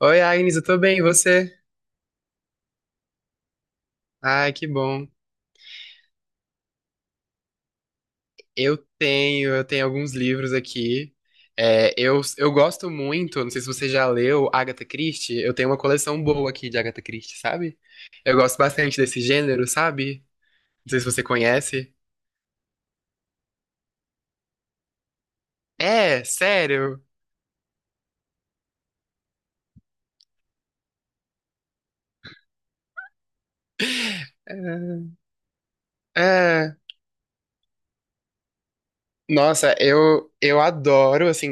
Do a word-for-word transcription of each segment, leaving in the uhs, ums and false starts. Oi, Agnes, eu tô bem, e você? Ai, que bom. Eu tenho, eu tenho alguns livros aqui. É, eu, eu gosto muito, não sei se você já leu Agatha Christie, eu tenho uma coleção boa aqui de Agatha Christie, sabe? Eu gosto bastante desse gênero, sabe? Não sei se você conhece. É, sério. É. É. Nossa, eu, eu adoro, assim.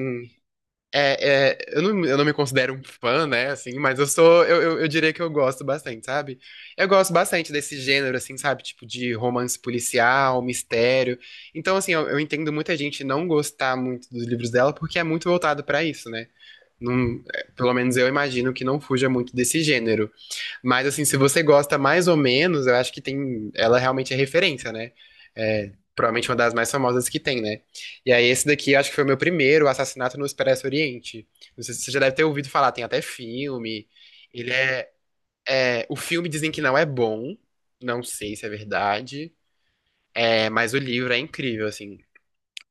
É, é, eu não, eu não me considero um fã, né, assim, mas eu sou, eu, eu, eu diria que eu gosto bastante, sabe? Eu gosto bastante desse gênero, assim, sabe? Tipo, de romance policial, mistério. Então, assim, eu, eu entendo muita gente não gostar muito dos livros dela porque é muito voltado pra isso, né? Não, é, pelo menos eu imagino que não fuja muito desse gênero. Mas assim, se você gosta mais ou menos, eu acho que tem. Ela realmente é referência, né? É, provavelmente uma das mais famosas que tem, né? E aí, esse daqui eu acho que foi o meu primeiro, o Assassinato no Expresso Oriente. Não sei se você já deve ter ouvido falar, tem até filme. Ele é, é. O filme dizem que não é bom. Não sei se é verdade. É, mas o livro é incrível, assim.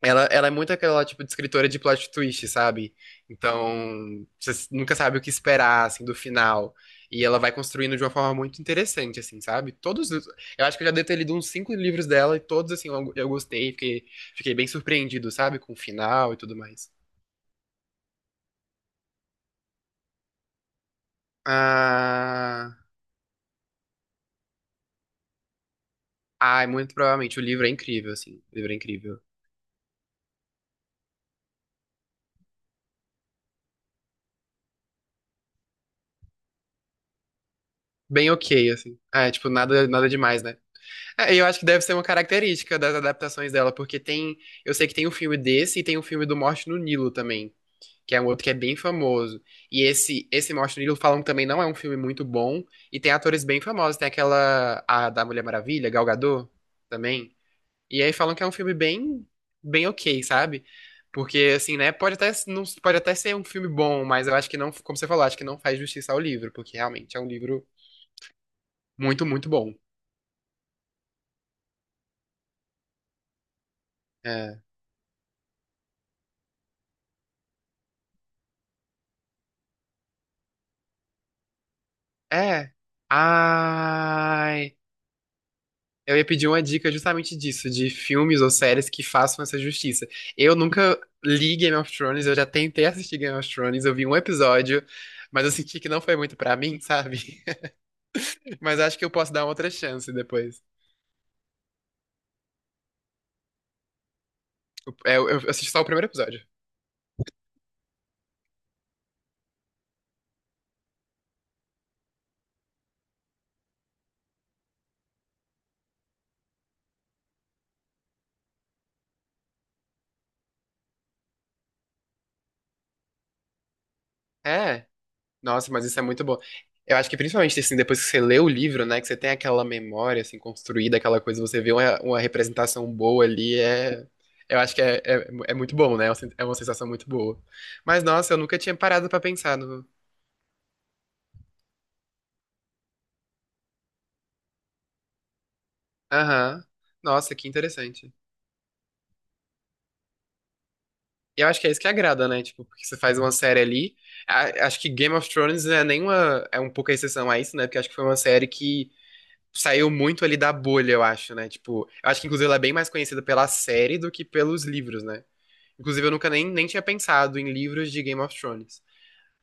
Ela, ela é muito aquela, tipo, de escritora de plot twist, sabe? Então, você s- nunca sabe o que esperar, assim, do final. E ela vai construindo de uma forma muito interessante, assim, sabe? Todos, os- eu acho que eu já devo ter lido uns cinco livros dela e todos, assim, eu, eu gostei, fiquei, fiquei bem surpreendido, sabe? Com o final e tudo mais. Ah, ai, muito provavelmente o livro é incrível, assim. O livro é incrível. Bem ok, assim. Ah, é, tipo, nada, nada demais, né? É, eu acho que deve ser uma característica das adaptações dela, porque tem, eu sei que tem um filme desse e tem um filme do Morte no Nilo também, que é um outro que é bem famoso. E esse esse Morte no Nilo falam que também não é um filme muito bom e tem atores bem famosos, tem aquela a da Mulher Maravilha, Gal Gadot também. E aí falam que é um filme bem bem OK, sabe? Porque assim, né, pode até não pode até ser um filme bom, mas eu acho que não, como você falou, acho que não faz justiça ao livro, porque realmente é um livro muito, muito bom. É. É. Ai. Eu ia pedir uma dica justamente disso, de filmes ou séries que façam essa justiça. Eu nunca li Game of Thrones, eu já tentei assistir Game of Thrones, eu vi um episódio, mas eu senti que não foi muito pra mim, sabe? Mas acho que eu posso dar uma outra chance depois. Eu, eu eu assisti só o primeiro episódio. É. Nossa, mas isso é muito bom. Eu acho que principalmente assim, depois que você lê o livro, né, que você tem aquela memória assim construída, aquela coisa, você vê uma, uma representação boa ali, é, eu acho que é, é, é muito bom, né? É uma sen- é uma sensação muito boa. Mas nossa, eu nunca tinha parado pra pensar no. Aham. Nossa, que interessante. E eu acho que é isso que agrada, né? Tipo, porque você faz uma série ali. A- acho que Game of Thrones é nenhuma, é um pouco a exceção a isso, né? Porque acho que foi uma série que saiu muito ali da bolha, eu acho, né? Tipo, eu acho que inclusive ela é bem mais conhecida pela série do que pelos livros, né? Inclusive, eu nunca nem, nem tinha pensado em livros de Game of Thrones.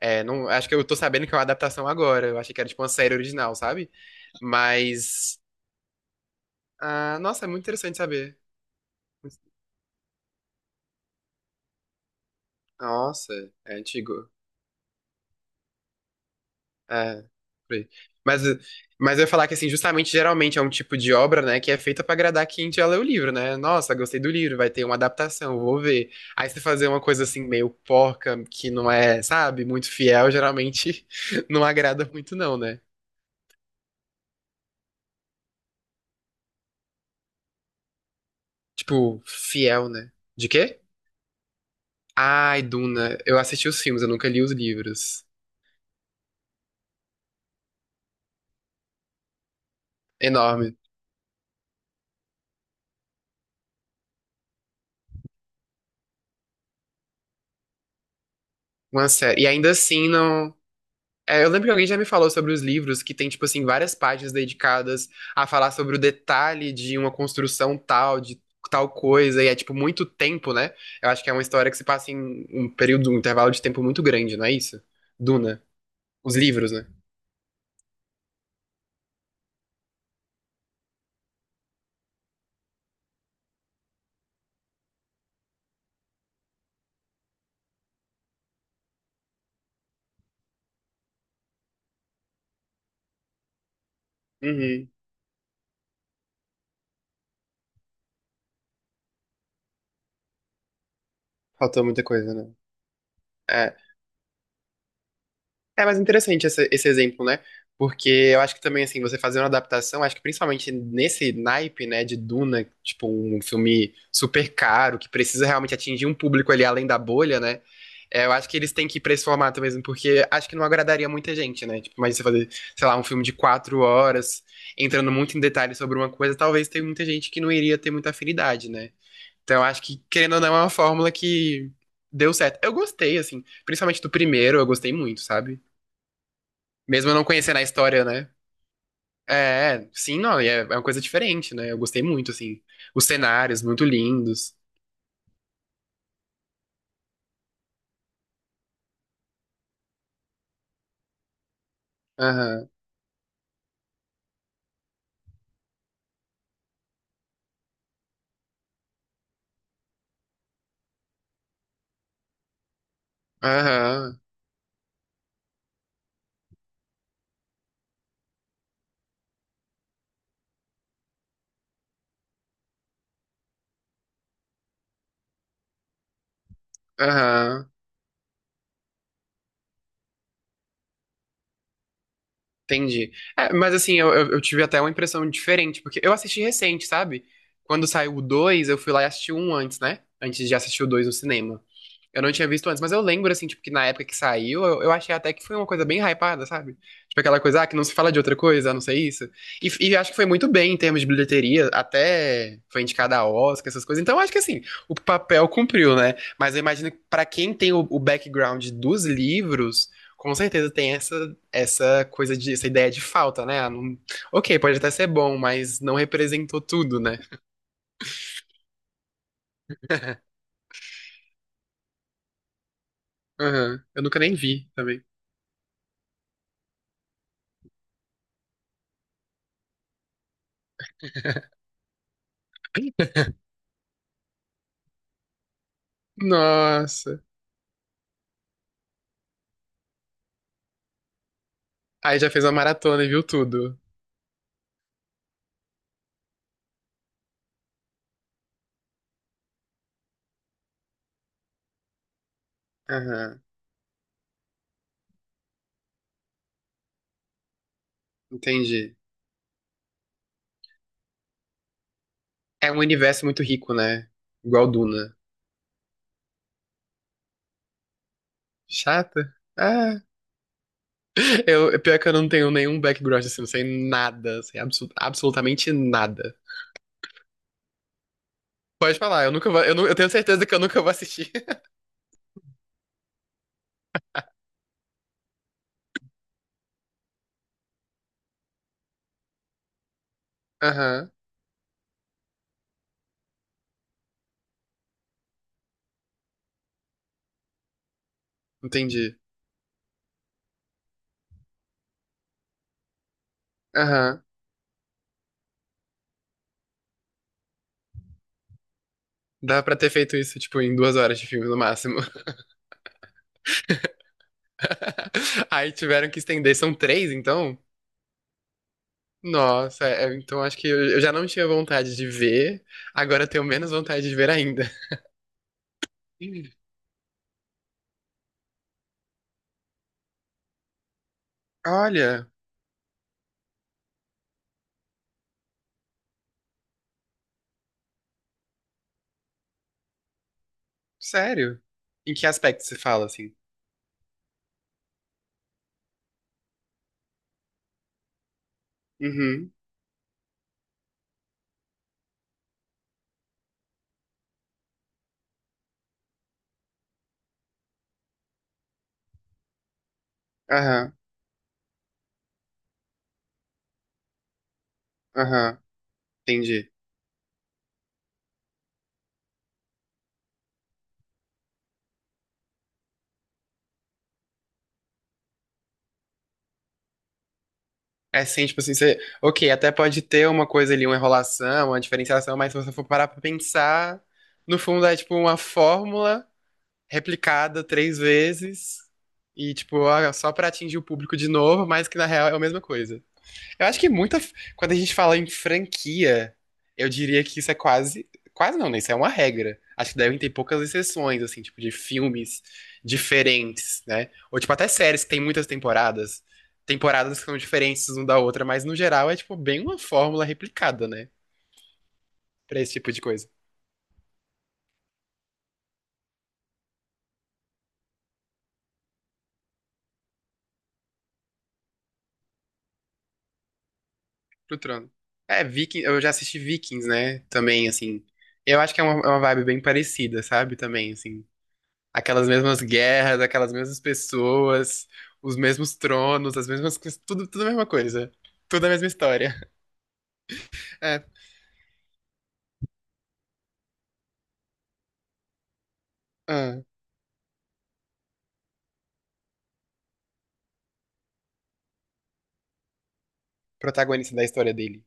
É, não, acho que eu tô sabendo que é uma adaptação agora. Eu achei que era tipo uma série original, sabe? Mas. Ah, nossa, é muito interessante saber. Nossa, é antigo. É, foi. Mas, mas eu ia falar que, assim, justamente, geralmente é um tipo de obra, né, que é feita pra agradar quem já leu o livro, né? Nossa, gostei do livro, vai ter uma adaptação, vou ver. Aí você fazer uma coisa, assim, meio porca, que não é, sabe, muito fiel, geralmente não agrada muito, não, né? Tipo, fiel, né? De quê? Ai, Duna, eu assisti os filmes, eu nunca li os livros. Enorme. Uma série. E ainda assim, não. É, eu lembro que alguém já me falou sobre os livros que tem, tipo assim, várias páginas dedicadas a falar sobre o detalhe de uma construção tal, de tal coisa, e é, tipo, muito tempo, né? Eu acho que é uma história que se passa em um período, um intervalo de tempo muito grande, não é isso? Duna. Os livros, né? Uhum. Faltou muita coisa, né? É. É mais interessante esse, esse exemplo, né? Porque eu acho que também, assim, você fazer uma adaptação, acho que principalmente nesse naipe, né, de Duna, tipo, um filme super caro, que precisa realmente atingir um público ali além da bolha, né? É, eu acho que eles têm que ir pra esse formato mesmo, porque acho que não agradaria muita gente, né? Tipo, imagina você fazer, sei lá, um filme de quatro horas, entrando muito em detalhes sobre uma coisa, talvez tenha muita gente que não iria ter muita afinidade, né? Então, eu acho que, querendo ou não, é uma fórmula que deu certo. Eu gostei, assim, principalmente do primeiro, eu gostei muito, sabe? Mesmo eu não conhecendo a história, né? É, é, sim, não, e é, é uma coisa diferente, né? Eu gostei muito, assim. Os cenários, muito lindos. Aham, aham, aham. Entendi. É, mas assim, eu, eu- eu tive até uma impressão diferente, porque eu assisti recente, sabe? Quando saiu o dois, eu fui lá e assisti um antes, né? Antes de assistir o dois no cinema. Eu não tinha visto antes, mas eu lembro, assim, tipo, que na época que saiu, eu, eu achei até que foi uma coisa bem hypada, sabe? Tipo, aquela coisa, ah, que não se fala de outra coisa, a não ser isso. E, e acho que foi muito bem em termos de bilheteria, até foi indicada a Oscar, essas coisas. Então, acho que, assim, o papel cumpriu, né? Mas eu imagino que pra quem tem o, o background dos livros, com certeza tem essa, essa coisa de, essa ideia de falta, né? Ah, não- ok, pode até ser bom, mas não representou tudo, né? Aham. Eu nunca nem vi também. Nossa. Aí já fez uma maratona e viu tudo. Aham, entendi. É um universo muito rico, né? Igual Duna. Chata? Ah, eu, é pior que eu não tenho nenhum background assim, não sei nada, sei absu- absolutamente nada. Pode falar, eu nunca vou, eu, nu- eu tenho certeza que eu nunca vou assistir. Aham, entendi. Aham. Dá pra ter feito isso, tipo, em duas horas de filme no máximo. Aí tiveram que estender, são três, então? Nossa, é, então acho que eu, eu já não tinha vontade de ver, agora eu tenho menos vontade de ver ainda. Olha, sério? Em que aspecto você fala assim? Uhum, aham, aham, entendi. É sim, tipo assim, você. Ok, até pode ter uma coisa ali, uma enrolação, uma diferenciação, mas se você for parar pra pensar, no fundo é tipo uma fórmula replicada três vezes e, tipo, ó, só pra atingir o público de novo, mas que na real é a mesma coisa. Eu acho que muita. Quando a gente fala em franquia, eu diria que isso é quase. Quase não, né? Isso é uma regra. Acho que devem ter poucas exceções, assim, tipo, de filmes diferentes, né? Ou, tipo, até séries que tem muitas temporadas. Temporadas que são diferentes uma da outra, mas no geral é, tipo, bem uma fórmula replicada, né? Pra esse tipo de coisa. Pro Trono. É, Viking, eu já assisti Vikings, né? Também, assim. Eu acho que é uma, é uma vibe bem parecida, sabe? Também, assim. Aquelas mesmas guerras, aquelas mesmas pessoas, os mesmos tronos, as mesmas coisas, tudo, tudo a mesma coisa. Tudo a mesma história. É, ah, protagonista da história dele.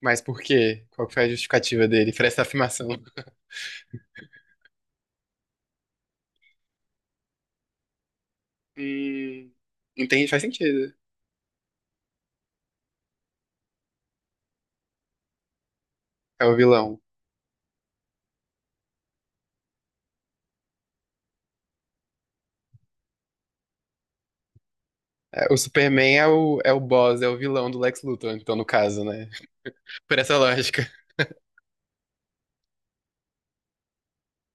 Mas por quê? Qual que foi a justificativa dele pra essa afirmação? Hum, entende? Faz sentido. É o vilão. É, o Superman é o, é o boss, é o vilão do Lex Luthor, então, no caso, né? Por essa lógica.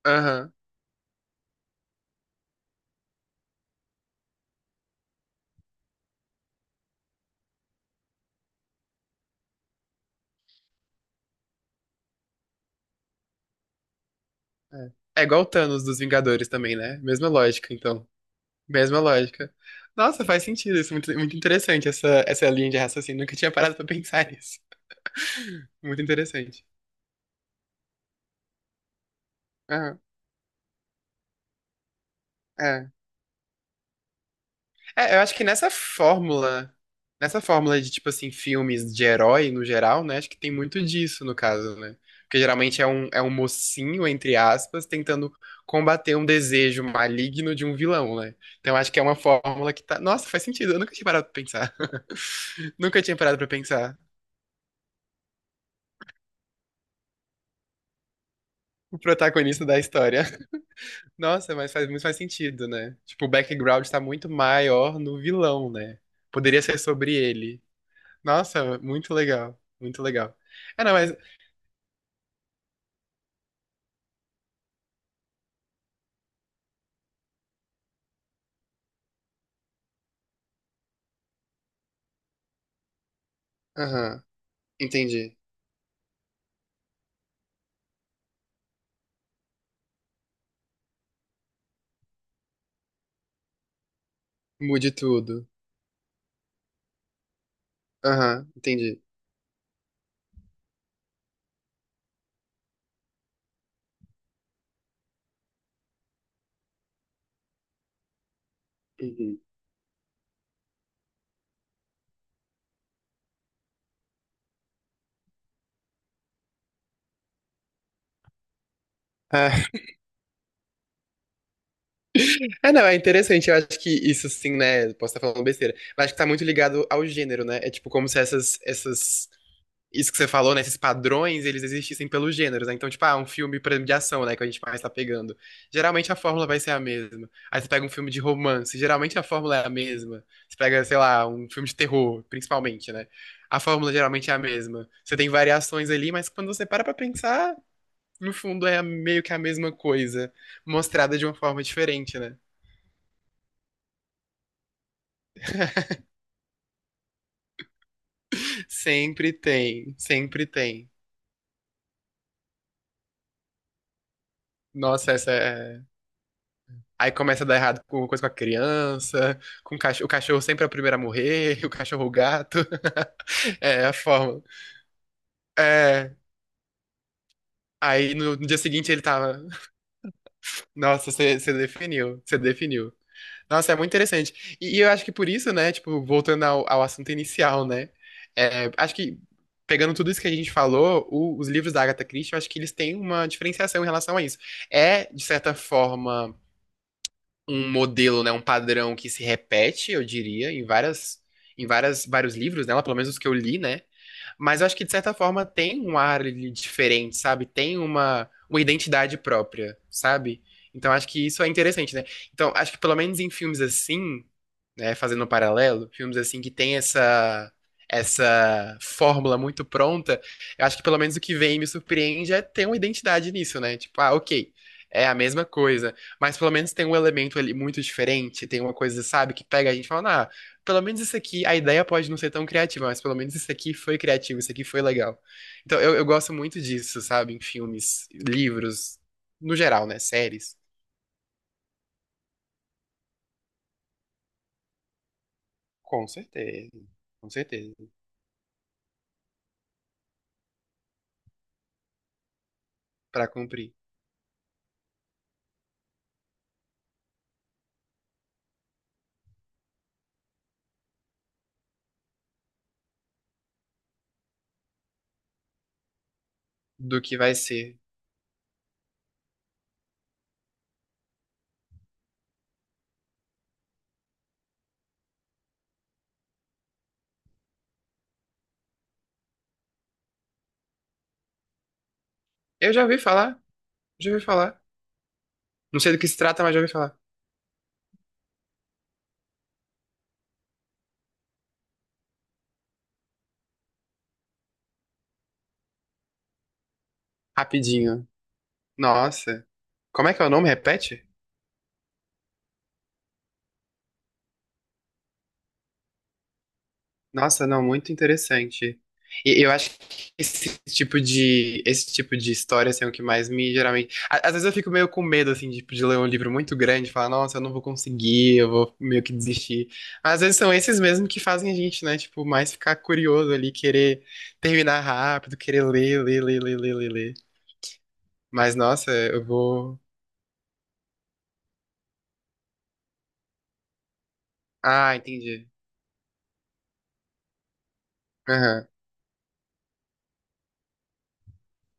Aham. É. É igual o Thanos dos Vingadores também, né? Mesma lógica, então. Mesma lógica. Nossa, faz sentido isso. Muito, muito interessante essa, essa linha de raciocínio. Nunca tinha parado pra pensar nisso. Muito interessante. Aham, é. É, eu acho que nessa fórmula, nessa fórmula de, tipo assim, filmes de herói no geral, né? Acho que tem muito disso no caso, né? Porque geralmente é um, é um mocinho, entre aspas, tentando combater um desejo maligno de um vilão, né? Então acho que é uma fórmula que tá. Nossa, faz sentido. Eu nunca tinha parado pra pensar. Nunca tinha parado pra pensar. O protagonista da história. Nossa, mas faz muito mais sentido, né? Tipo, o background tá muito maior no vilão, né? Poderia ser sobre ele. Nossa, muito legal. Muito legal. Ah, não, mas. Aham, entendi. Mude tudo. Aham, entendi. Uhum. Ah, ah, não, é interessante. Eu acho que isso sim, né? Posso estar falando besteira. Mas acho que tá muito ligado ao gênero, né? É tipo como se essas, essas isso que você falou, né? Esses padrões, eles existissem pelos gêneros, né? Então, tipo, ah, um filme por exemplo, de ação, né? Que a gente mais tá pegando. Geralmente a fórmula vai ser a mesma. Aí você pega um filme de romance, geralmente a fórmula é a mesma. Você pega, sei lá, um filme de terror, principalmente, né? A fórmula geralmente é a mesma. Você tem variações ali, mas quando você para pra pensar, no fundo é meio que a mesma coisa, mostrada de uma forma diferente, né? Sempre tem, sempre tem. Nossa, essa é Aí começa a dar errado com coisa com a criança, com o cachorro. O cachorro sempre é o primeiro a morrer, o cachorro o gato. É, a forma. É. Aí no, no dia seguinte ele tava. Nossa, você definiu, você definiu. Nossa, é muito interessante. E, e eu acho que por isso, né, tipo, voltando ao, ao assunto inicial, né? É, acho que pegando tudo isso que a gente falou, o- os livros da Agatha Christie, eu acho que eles têm uma diferenciação em relação a isso. É, de certa forma um modelo, né, um padrão que se repete, eu diria, em várias em várias vários livros dela, pelo menos os que eu li, né? Mas eu acho que de certa forma tem um ar ali diferente, sabe? Tem uma uma identidade própria, sabe? Então acho que isso é interessante, né? Então acho que pelo menos em filmes assim, né, fazendo um paralelo, filmes assim que tem essa essa fórmula muito pronta, eu acho que pelo menos o que vem e me surpreende é ter uma identidade nisso, né? Tipo, ah, ok, é a mesma coisa, mas pelo menos tem um elemento ali muito diferente, tem uma coisa, sabe, que pega a gente e fala, ah, pelo menos isso aqui, a ideia pode não ser tão criativa, mas pelo menos isso aqui foi criativo, isso aqui foi legal. Então eu, eu gosto muito disso, sabe, em filmes, livros, no geral, né? Séries. Com certeza, com certeza. Pra cumprir. Do que vai ser. Eu já ouvi falar, já ouvi falar. Não sei do que se trata, mas já ouvi falar. Rapidinho. Nossa. Como é que é o nome? Repete? Nossa, não, muito interessante. E eu acho que esse tipo de, esse tipo de história assim, é o que mais me geralmente. A- às vezes eu fico meio com medo assim de, de ler um livro muito grande, e falar, nossa, eu não vou conseguir, eu vou meio que desistir. Mas às vezes são esses mesmo que fazem a gente, né? Tipo, mais ficar curioso ali, querer terminar rápido, querer ler, ler, ler, ler, ler, ler, ler. Mas nossa, eu vou Ah, entendi. Aham.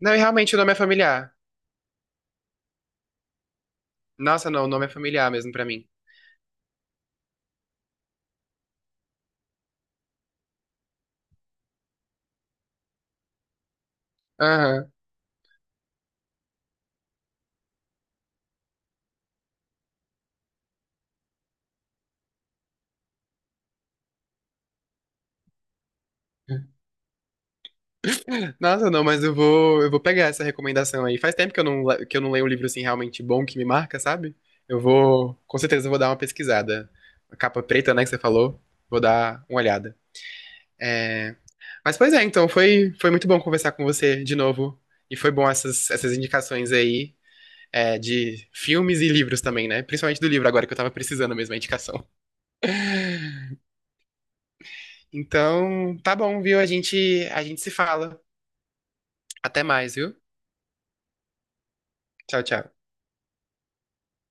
Não, e realmente o nome é familiar. Nossa, não, o nome é familiar mesmo pra mim. Aham. Nossa, não, mas eu vou, eu vou pegar essa recomendação aí. Faz tempo que eu não, le- que eu não leio um livro assim realmente bom que me marca, sabe? Eu vou, com certeza, eu vou dar uma pesquisada. A capa preta, né, que você falou. Vou dar uma olhada. É... Mas pois é, então foi, foi muito bom conversar com você de novo. E foi bom essas, essas indicações aí, é, de filmes e livros também, né? Principalmente do livro agora que eu tava precisando mesmo a indicação. Então, tá bom, viu? A gente, a gente se fala. Até mais, viu? Tchau, tchau.